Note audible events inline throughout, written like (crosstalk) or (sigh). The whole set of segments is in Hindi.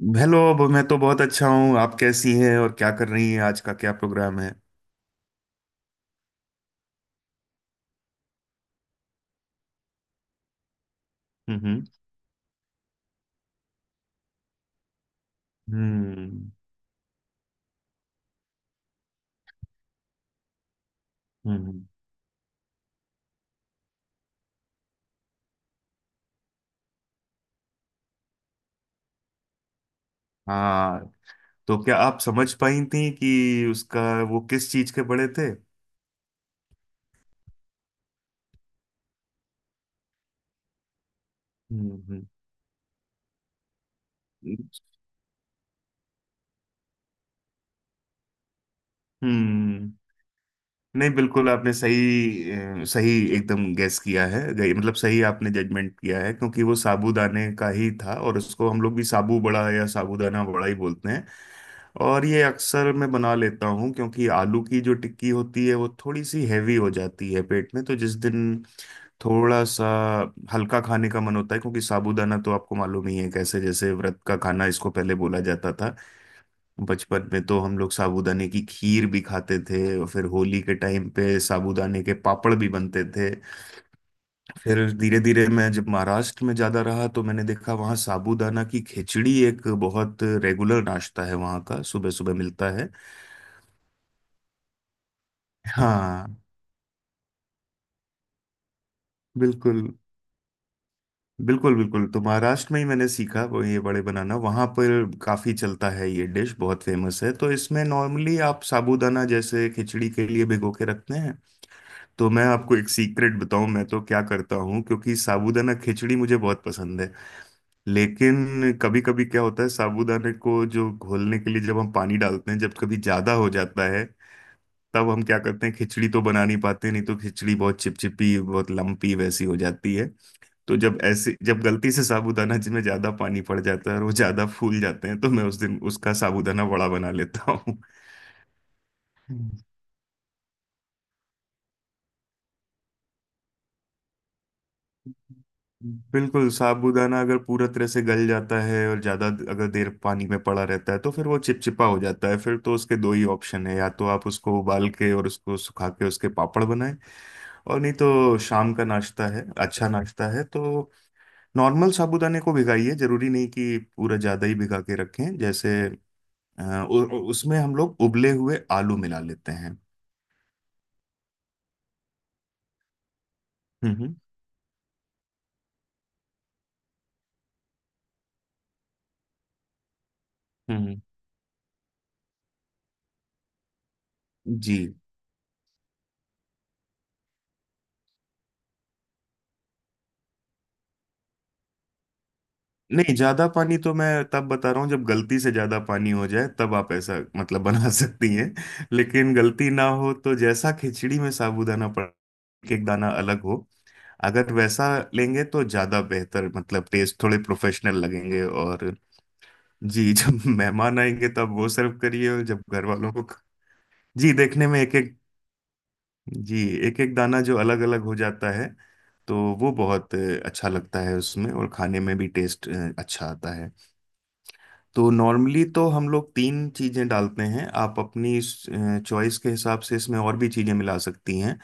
हेलो मैं तो बहुत अच्छा हूँ। आप कैसी हैं और क्या कर रही हैं? आज का क्या प्रोग्राम है? हम्म। हम्म। हम्म। हाँ। तो क्या आप समझ पाई थी कि उसका वो किस चीज के पड़े थे? हम्म। हम्म। हम्म, नहीं बिल्कुल आपने सही एकदम गैस किया है, मतलब सही आपने जजमेंट किया है क्योंकि वो साबूदाने का ही था, और उसको हम लोग भी साबू बड़ा या साबूदाना बड़ा ही बोलते हैं। और ये अक्सर मैं बना लेता हूँ क्योंकि आलू की जो टिक्की होती है वो थोड़ी सी हैवी हो जाती है पेट में, तो जिस दिन थोड़ा सा हल्का खाने का मन होता है, क्योंकि साबूदाना तो आपको मालूम ही है कैसे, जैसे व्रत का खाना इसको पहले बोला जाता था। बचपन में तो हम लोग साबूदाने की खीर भी खाते थे, और फिर होली के टाइम पे साबूदाने के पापड़ भी बनते थे। फिर धीरे धीरे मैं जब महाराष्ट्र में ज्यादा रहा तो मैंने देखा वहाँ साबूदाना की खिचड़ी एक बहुत रेगुलर नाश्ता है वहाँ का, सुबह सुबह मिलता है। हाँ। बिल्कुल। बिल्कुल। बिल्कुल, तो महाराष्ट्र में ही मैंने सीखा वो, ये बड़े बनाना वहाँ पर काफ़ी चलता है, ये डिश बहुत फेमस है। तो इसमें नॉर्मली आप साबूदाना जैसे खिचड़ी के लिए भिगो के रखते हैं। तो मैं आपको एक सीक्रेट बताऊँ, मैं तो क्या करता हूँ, क्योंकि साबूदाना खिचड़ी मुझे बहुत पसंद है। लेकिन कभी कभी क्या होता है, साबूदाने को जो घोलने के लिए जब हम पानी डालते हैं जब कभी ज़्यादा हो जाता है, तब हम क्या करते हैं, खिचड़ी तो बना नहीं पाते, नहीं तो खिचड़ी बहुत चिपचिपी बहुत लम्पी वैसी हो जाती है। तो जब ऐसे जब गलती से साबूदाना जी में ज्यादा पानी पड़ जाता है और वो ज्यादा फूल जाते हैं तो मैं उस दिन उसका साबूदाना वड़ा बना लेता हूँ। बिल्कुल। साबूदाना अगर पूरा तरह से गल जाता है और ज्यादा अगर देर पानी में पड़ा रहता है तो फिर वो चिपचिपा हो जाता है, फिर तो उसके दो ही ऑप्शन है, या तो आप उसको उबाल के और उसको सुखा के उसके पापड़ बनाएं, और नहीं तो शाम का नाश्ता है, अच्छा नाश्ता है, तो नॉर्मल साबूदाने को भिगाइए, जरूरी नहीं कि पूरा ज्यादा ही भिगा के रखें, जैसे अ, उ, उ- उसमें हम लोग उबले हुए आलू मिला लेते हैं। हम्म। हम्म। जी। नहीं, ज्यादा पानी तो मैं तब बता रहा हूँ जब गलती से ज्यादा पानी हो जाए, तब आप ऐसा मतलब बना (laughs) सकती हैं। लेकिन गलती ना हो तो जैसा खिचड़ी में साबूदाना पड़, एक दाना अलग हो, अगर वैसा लेंगे तो ज्यादा बेहतर, मतलब टेस्ट थोड़े प्रोफेशनल लगेंगे। और जी (laughs) जब मेहमान आएंगे तब वो सर्व करिए, और जब घर वालों को। जी। देखने में एक एक। जी। एक एक दाना जो अलग अलग हो जाता है, तो वो बहुत अच्छा लगता है उसमें, और खाने में भी टेस्ट अच्छा आता है। तो नॉर्मली तो हम लोग तीन चीज़ें डालते हैं, आप अपनी चॉइस के हिसाब से इसमें और भी चीज़ें मिला सकती हैं।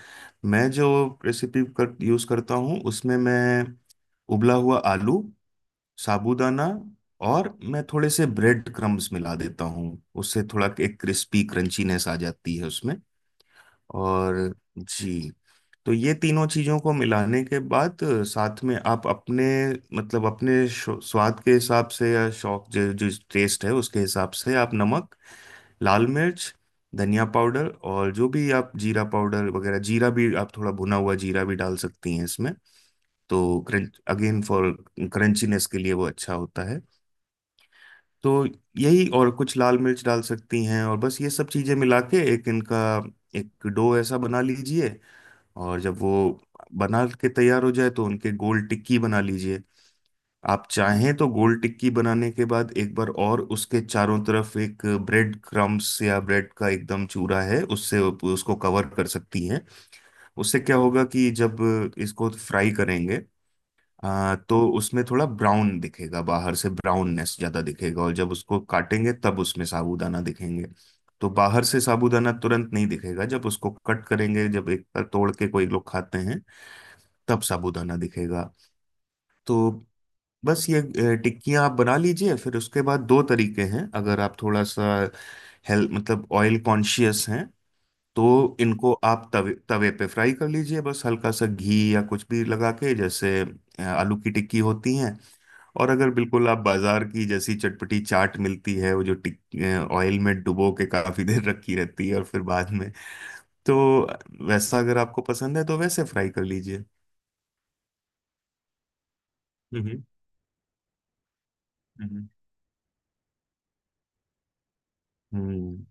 मैं जो यूज़ करता हूँ उसमें मैं उबला हुआ आलू, साबूदाना, और मैं थोड़े से ब्रेड क्रम्स मिला देता हूँ। उससे थोड़ा एक क्रिस्पी क्रंचीनेस आ जाती है उसमें। और जी। तो ये तीनों चीजों को मिलाने के बाद साथ में आप अपने, मतलब अपने स्वाद के हिसाब से, या शौक जो जो टेस्ट है उसके हिसाब से, आप नमक, लाल मिर्च, धनिया पाउडर, और जो भी आप जीरा पाउडर वगैरह, जीरा भी आप थोड़ा भुना हुआ जीरा भी डाल सकती हैं इसमें। तो क्रंच अगेन फॉर क्रंचीनेस के लिए वो अच्छा होता है। तो यही, और कुछ लाल मिर्च डाल सकती हैं, और बस ये सब चीजें मिला के एक इनका एक डो ऐसा बना लीजिए। और जब वो बना के तैयार हो जाए तो उनके गोल टिक्की बना लीजिए। आप चाहें तो गोल टिक्की बनाने के बाद एक बार और उसके चारों तरफ एक ब्रेड क्रम्स या ब्रेड का एकदम चूरा है उससे उसको कवर कर सकती हैं। उससे क्या होगा कि जब इसको फ्राई करेंगे, तो उसमें थोड़ा ब्राउन दिखेगा बाहर से, ब्राउननेस ज्यादा दिखेगा, और जब उसको काटेंगे तब उसमें साबूदाना दिखेंगे। तो बाहर से साबूदाना तुरंत नहीं दिखेगा, जब उसको कट करेंगे, जब एक बार तोड़ के कोई लोग खाते हैं तब साबूदाना दिखेगा। तो बस ये टिक्कियाँ आप बना लीजिए, फिर उसके बाद दो तरीके हैं, अगर आप थोड़ा सा हेल्थ मतलब ऑयल कॉन्शियस हैं तो इनको आप तवे तवे पे फ्राई कर लीजिए, बस हल्का सा घी या कुछ भी लगा के, जैसे आलू की टिक्की होती हैं। और अगर बिल्कुल आप बाजार की जैसी चटपटी चाट मिलती है, वो जो टिक ऑयल में डुबो के काफी देर रखी रहती है और फिर बाद में, तो वैसा अगर आपको पसंद है तो वैसे फ्राई कर लीजिए। हम्म। हम्म। हम्म।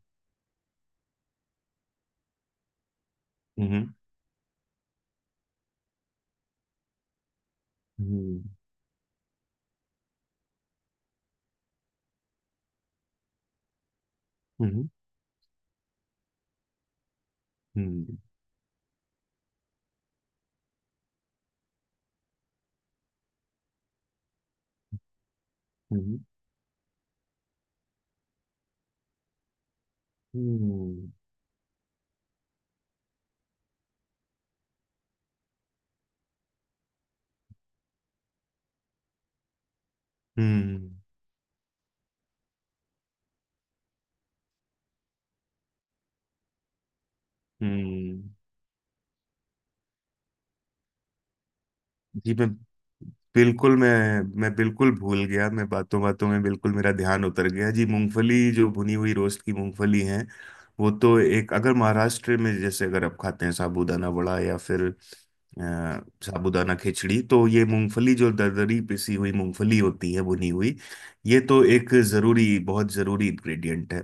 हम्म। うんうんうんうんうんうんうんजी मैं बिल्कुल मैं मैं बिल्कुल भूल गया, मैं बातों बातों में बिल्कुल मेरा ध्यान उतर गया। जी, मूंगफली जो भुनी हुई रोस्ट की मूंगफली है, वो तो एक, अगर महाराष्ट्र में जैसे अगर आप खाते हैं साबूदाना वड़ा या फिर साबूदाना खिचड़ी, तो ये मूंगफली जो दरदरी पिसी हुई मूंगफली होती है भुनी हुई, ये तो एक जरूरी, बहुत जरूरी इंग्रेडिएंट है।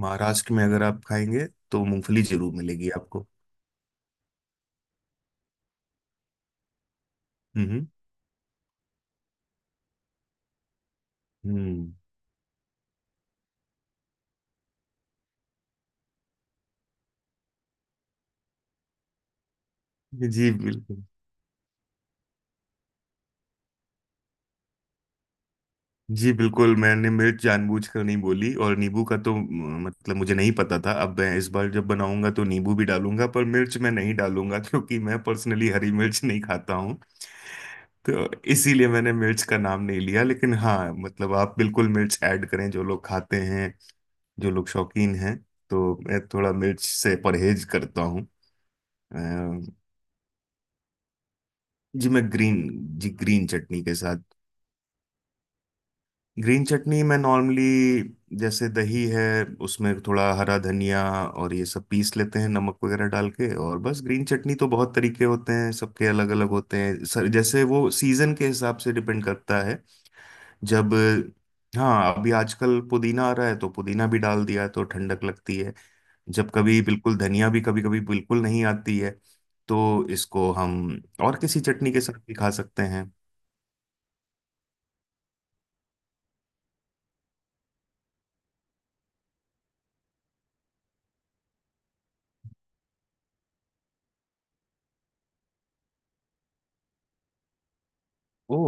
महाराष्ट्र में अगर आप खाएंगे तो मूंगफली जरूर मिलेगी आपको। हम्म। हम्म। जी बिल्कुल। जी बिल्कुल, मैंने मिर्च जानबूझकर नहीं बोली, और नींबू का तो मतलब मुझे नहीं पता था। अब मैं इस बार जब बनाऊंगा तो नींबू भी डालूंगा, पर मिर्च मैं नहीं डालूंगा (laughs) क्योंकि मैं पर्सनली हरी मिर्च नहीं खाता हूँ। तो इसीलिए मैंने मिर्च का नाम नहीं लिया, लेकिन हाँ मतलब आप बिल्कुल मिर्च ऐड करें, जो लोग खाते हैं, जो लोग शौकीन हैं, तो मैं थोड़ा मिर्च से परहेज करता हूँ। जी। मैं ग्रीन जी ग्रीन चटनी के साथ। ग्रीन चटनी मैं नॉर्मली, जैसे दही है उसमें थोड़ा हरा धनिया और ये सब पीस लेते हैं, नमक वगैरह डाल के, और बस। ग्रीन चटनी तो बहुत तरीके होते हैं, सबके अलग अलग होते हैं सर, जैसे वो सीजन के हिसाब से डिपेंड करता है। जब हाँ, अभी आजकल पुदीना आ रहा है तो पुदीना भी डाल दिया, तो ठंडक लगती है। जब कभी बिल्कुल धनिया भी कभी कभी बिल्कुल नहीं आती है, तो इसको हम और किसी चटनी के साथ भी खा सकते हैं। ओ।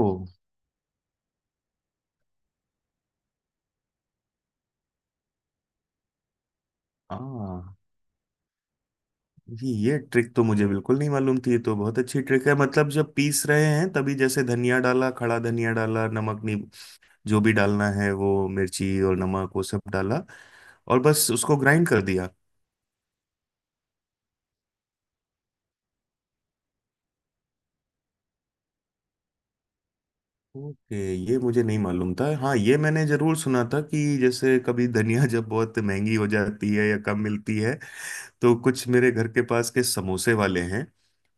हाँ, ये ट्रिक तो मुझे बिल्कुल नहीं मालूम थी, ये तो बहुत अच्छी ट्रिक है, मतलब जब पीस रहे हैं तभी जैसे धनिया डाला, खड़ा धनिया डाला, नमक नहीं, जो भी डालना है वो, मिर्ची और नमक वो सब डाला, और बस उसको ग्राइंड कर दिया। ओके, ये मुझे नहीं मालूम था। हाँ, ये मैंने जरूर सुना था कि जैसे कभी धनिया (laughs) जब बहुत महंगी हो जाती है या कम मिलती है, तो कुछ मेरे घर के पास के समोसे वाले हैं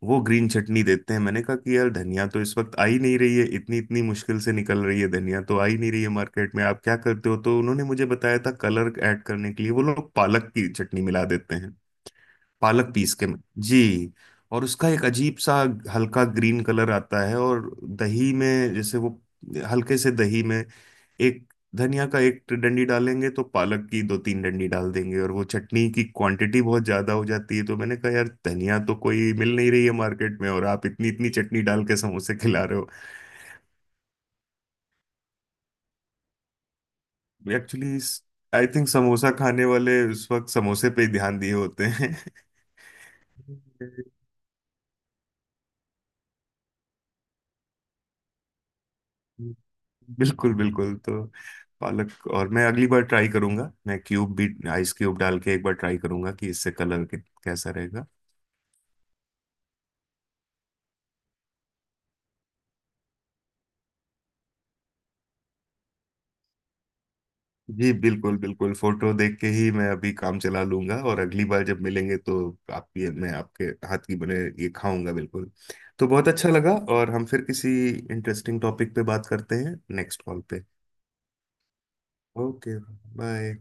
वो ग्रीन चटनी देते हैं, मैंने कहा कि यार धनिया तो इस वक्त आ ही नहीं रही है, इतनी इतनी मुश्किल से निकल रही है धनिया, तो आ ही नहीं रही है मार्केट में, आप क्या करते हो? तो उन्होंने मुझे बताया था कलर ऐड करने के लिए वो लोग पालक की चटनी मिला देते हैं, पालक पीस के। जी। और उसका एक अजीब सा हल्का ग्रीन कलर आता है, और दही में जैसे वो, हल्के से दही में एक धनिया का एक डंडी डालेंगे तो पालक की दो तीन डंडी डाल देंगे, और वो चटनी की क्वांटिटी बहुत ज्यादा हो जाती है, तो मैंने कहा यार धनिया तो कोई मिल नहीं रही है मार्केट में, और आप इतनी इतनी चटनी डाल के समोसे खिला रहे हो। एक्चुअली आई थिंक समोसा खाने वाले उस वक्त समोसे पे ही ध्यान दिए होते हैं (laughs) बिल्कुल बिल्कुल, तो पालक, और मैं अगली बार ट्राई करूंगा, मैं क्यूब भी आइस क्यूब डाल के एक बार ट्राई करूंगा कि इससे कलर कैसा रहेगा। जी बिल्कुल बिल्कुल, फोटो देख के ही मैं अभी काम चला लूंगा, और अगली बार जब मिलेंगे तो आप ये, मैं आपके हाथ की बने ये खाऊंगा बिल्कुल। तो बहुत अच्छा लगा, और हम फिर किसी इंटरेस्टिंग टॉपिक पे बात करते हैं नेक्स्ट कॉल पे। ओके। बाय।